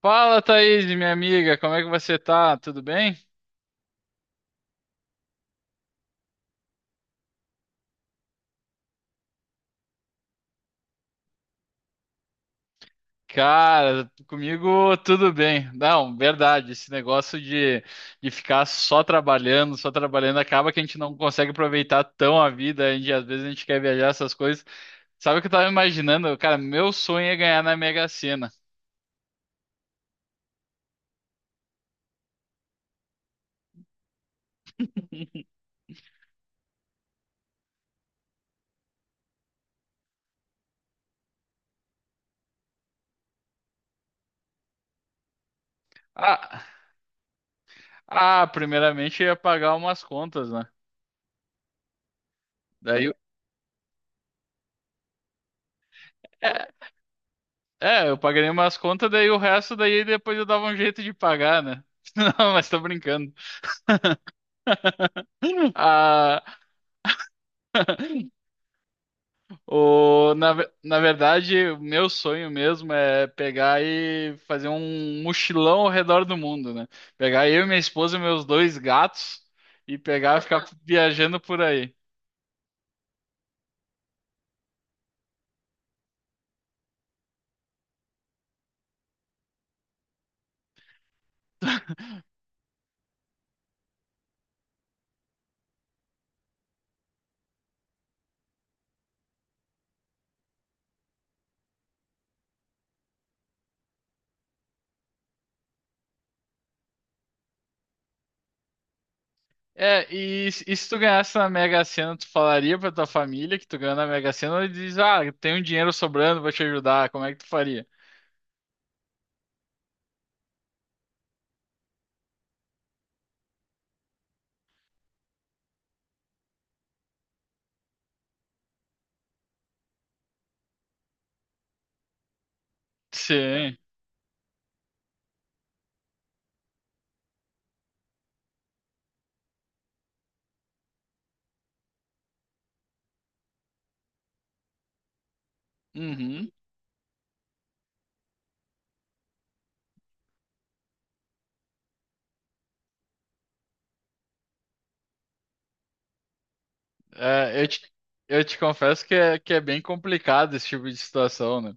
Fala, Thaís, minha amiga, como é que você tá? Tudo bem? Cara, comigo tudo bem. Não, verdade, esse negócio de ficar só trabalhando, acaba que a gente não consegue aproveitar tão a vida, às vezes a gente quer viajar essas coisas. Sabe o que eu tava imaginando? Cara, meu sonho é ganhar na Mega Sena. Ah, ah, primeiramente eu ia pagar umas contas, né? Daí, é, eu pagaria umas contas, daí o resto, daí depois eu dava um jeito de pagar, né? Não, mas tô brincando. Na verdade, o meu sonho mesmo é pegar e fazer um mochilão ao redor do mundo, né? Pegar eu, minha esposa e meus dois gatos, e pegar e ficar viajando por aí. É, e se tu ganhasse na Mega Sena, tu falaria pra tua família que tu ganhou na Mega Sena, ou diz: ah, tem um dinheiro sobrando, vou te ajudar? Como é que tu faria? Sim. Uhum. É, eu te confesso que é bem complicado esse tipo de situação, né?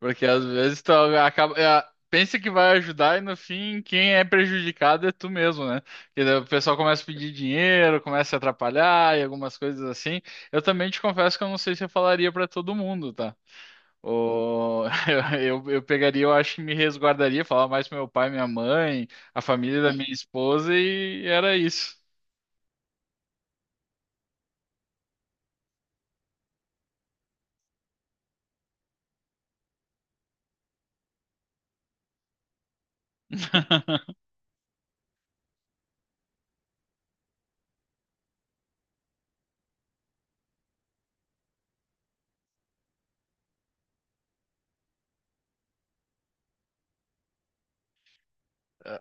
Porque às vezes tu acaba, pensa que vai ajudar e no fim quem é prejudicado é tu mesmo, né? Porque daí o pessoal começa a pedir dinheiro, começa a atrapalhar e algumas coisas assim. Eu também te confesso que eu não sei se eu falaria pra todo mundo, tá? Ou eu pegaria, eu acho que me resguardaria, falar mais pro meu pai, minha mãe, a família da minha esposa, e era isso.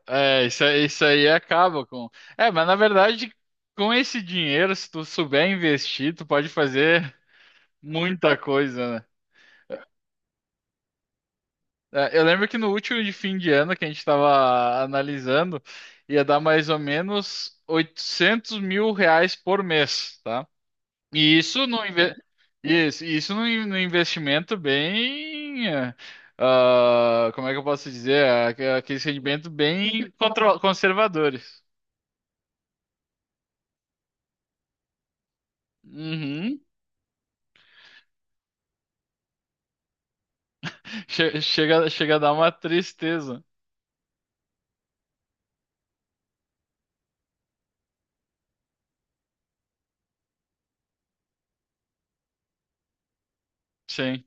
É, isso. Isso aí acaba com. É, mas na verdade, com esse dinheiro, se tu souber investir, tu pode fazer muita coisa, né? É, eu lembro que no último de fim de ano que a gente estava analisando, ia dar mais ou menos 800 mil reais por mês, tá? E isso no investimento bem. Como é que eu posso dizer? Aqueles rendimentos bem conservadores. Uhum. Chega a dar uma tristeza. Sim.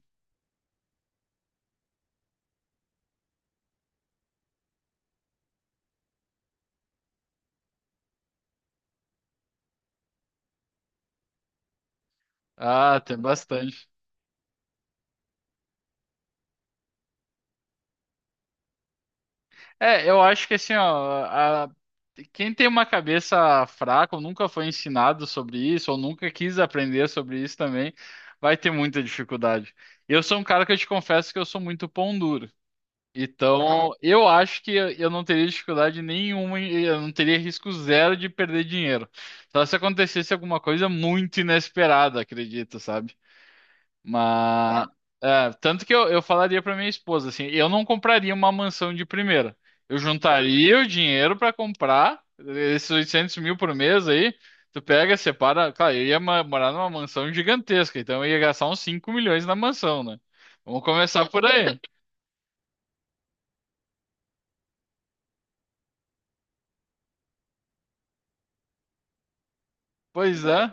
Ah, tem bastante. É, eu acho que, assim, ó, quem tem uma cabeça fraca, ou nunca foi ensinado sobre isso, ou nunca quis aprender sobre isso também, vai ter muita dificuldade. Eu sou um cara que eu te confesso que eu sou muito pão duro. Então, eu acho que eu não teria dificuldade nenhuma, e eu não teria risco zero de perder dinheiro. Só se acontecesse alguma coisa muito inesperada, acredito, sabe? Mas, tá? Tanto que eu falaria para minha esposa assim: eu não compraria uma mansão de primeira. Eu juntaria o dinheiro para comprar esses 800 mil por mês aí. Tu pega, separa. Claro, eu ia morar numa mansão gigantesca, então eu ia gastar uns 5 milhões na mansão, né? Vamos começar por aí. Pois é.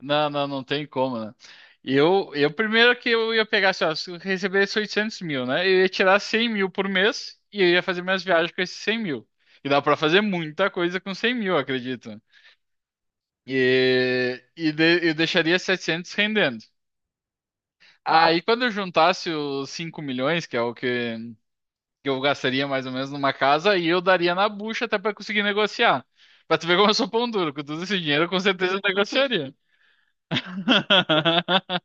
Não, não, não tem como, né? Eu primeiro que eu ia pegar, assim, ó, se eu recebesse 800 mil, né? Eu ia tirar 100 mil por mês e eu ia fazer minhas viagens com esses 100 mil. E dá pra fazer muita coisa com 100 mil, eu acredito. E eu deixaria 700 rendendo. Aí quando eu juntasse os 5 milhões, que é o que que eu gastaria mais ou menos numa casa, aí eu daria na bucha até pra conseguir negociar. Pra tu ver como eu sou pão duro, com todo esse dinheiro, eu com certeza eu negociaria.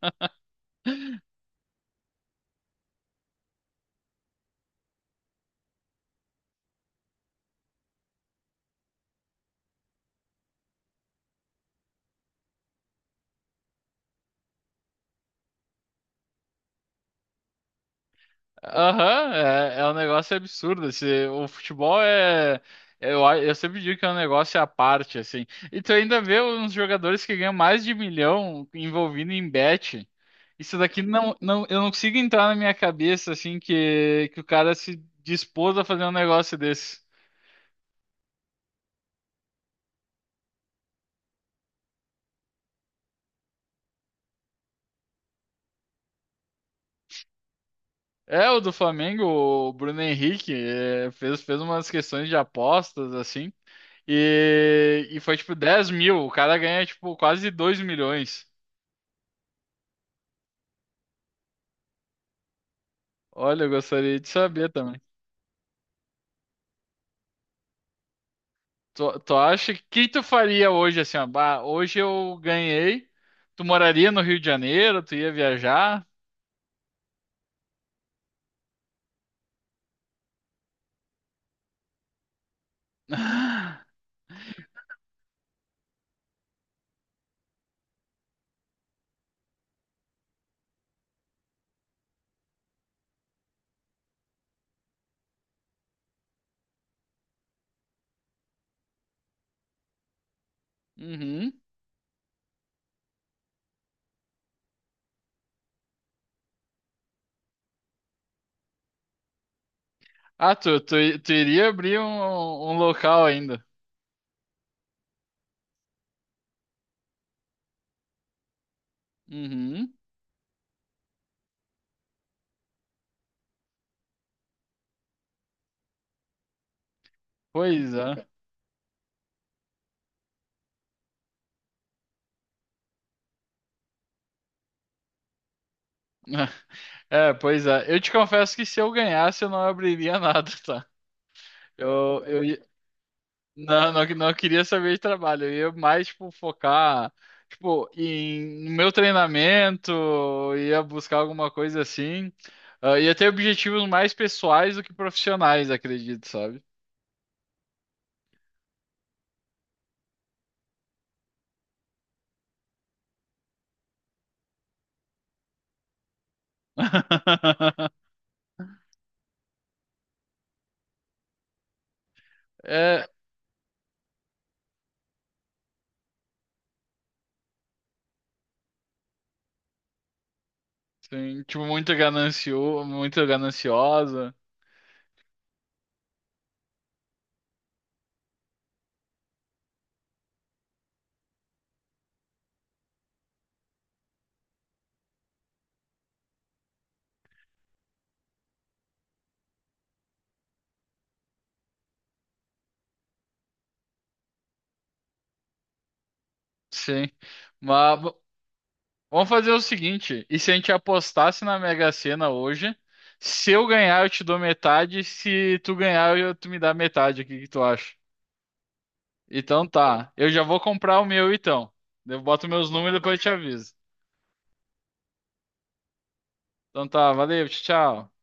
Aham, é um negócio absurdo. Esse, o futebol é. Eu sempre digo que é um negócio à parte, assim. E tu ainda vê uns jogadores que ganham mais de milhão envolvido em bet. Isso daqui não, não, eu não consigo entrar na minha cabeça, assim, que o cara se dispôs a fazer um negócio desse. É, o do Flamengo, o Bruno Henrique, fez umas questões de apostas, assim. E foi tipo 10 mil. O cara ganha, tipo, quase 2 milhões. Olha, eu gostaria de saber também. Tu acha que tu faria hoje, assim, ó, bah, hoje eu ganhei. Tu moraria no Rio de Janeiro? Tu ia viajar? Uhum. Ah, tu iria abrir um local ainda. Uhum. Pois é. É, pois é. Eu te confesso que, se eu ganhasse, eu não abriria nada, tá? Eu Não, não, não queria saber de trabalho. Eu ia mais, tipo, focar, tipo, no meu treinamento, ia buscar alguma coisa assim. Ah, ia ter objetivos mais pessoais do que profissionais, acredito, sabe? É, sim, tipo, muito gananciosa, sim. Mas vamos fazer o seguinte: e se a gente apostasse na Mega Sena hoje, se eu ganhar, eu te dou metade, se tu ganhar, tu me dá metade? O que que tu acha? Então tá. Eu já vou comprar o meu, então. Eu boto meus números e depois eu te aviso. Então tá, valeu, tchau. Tchau.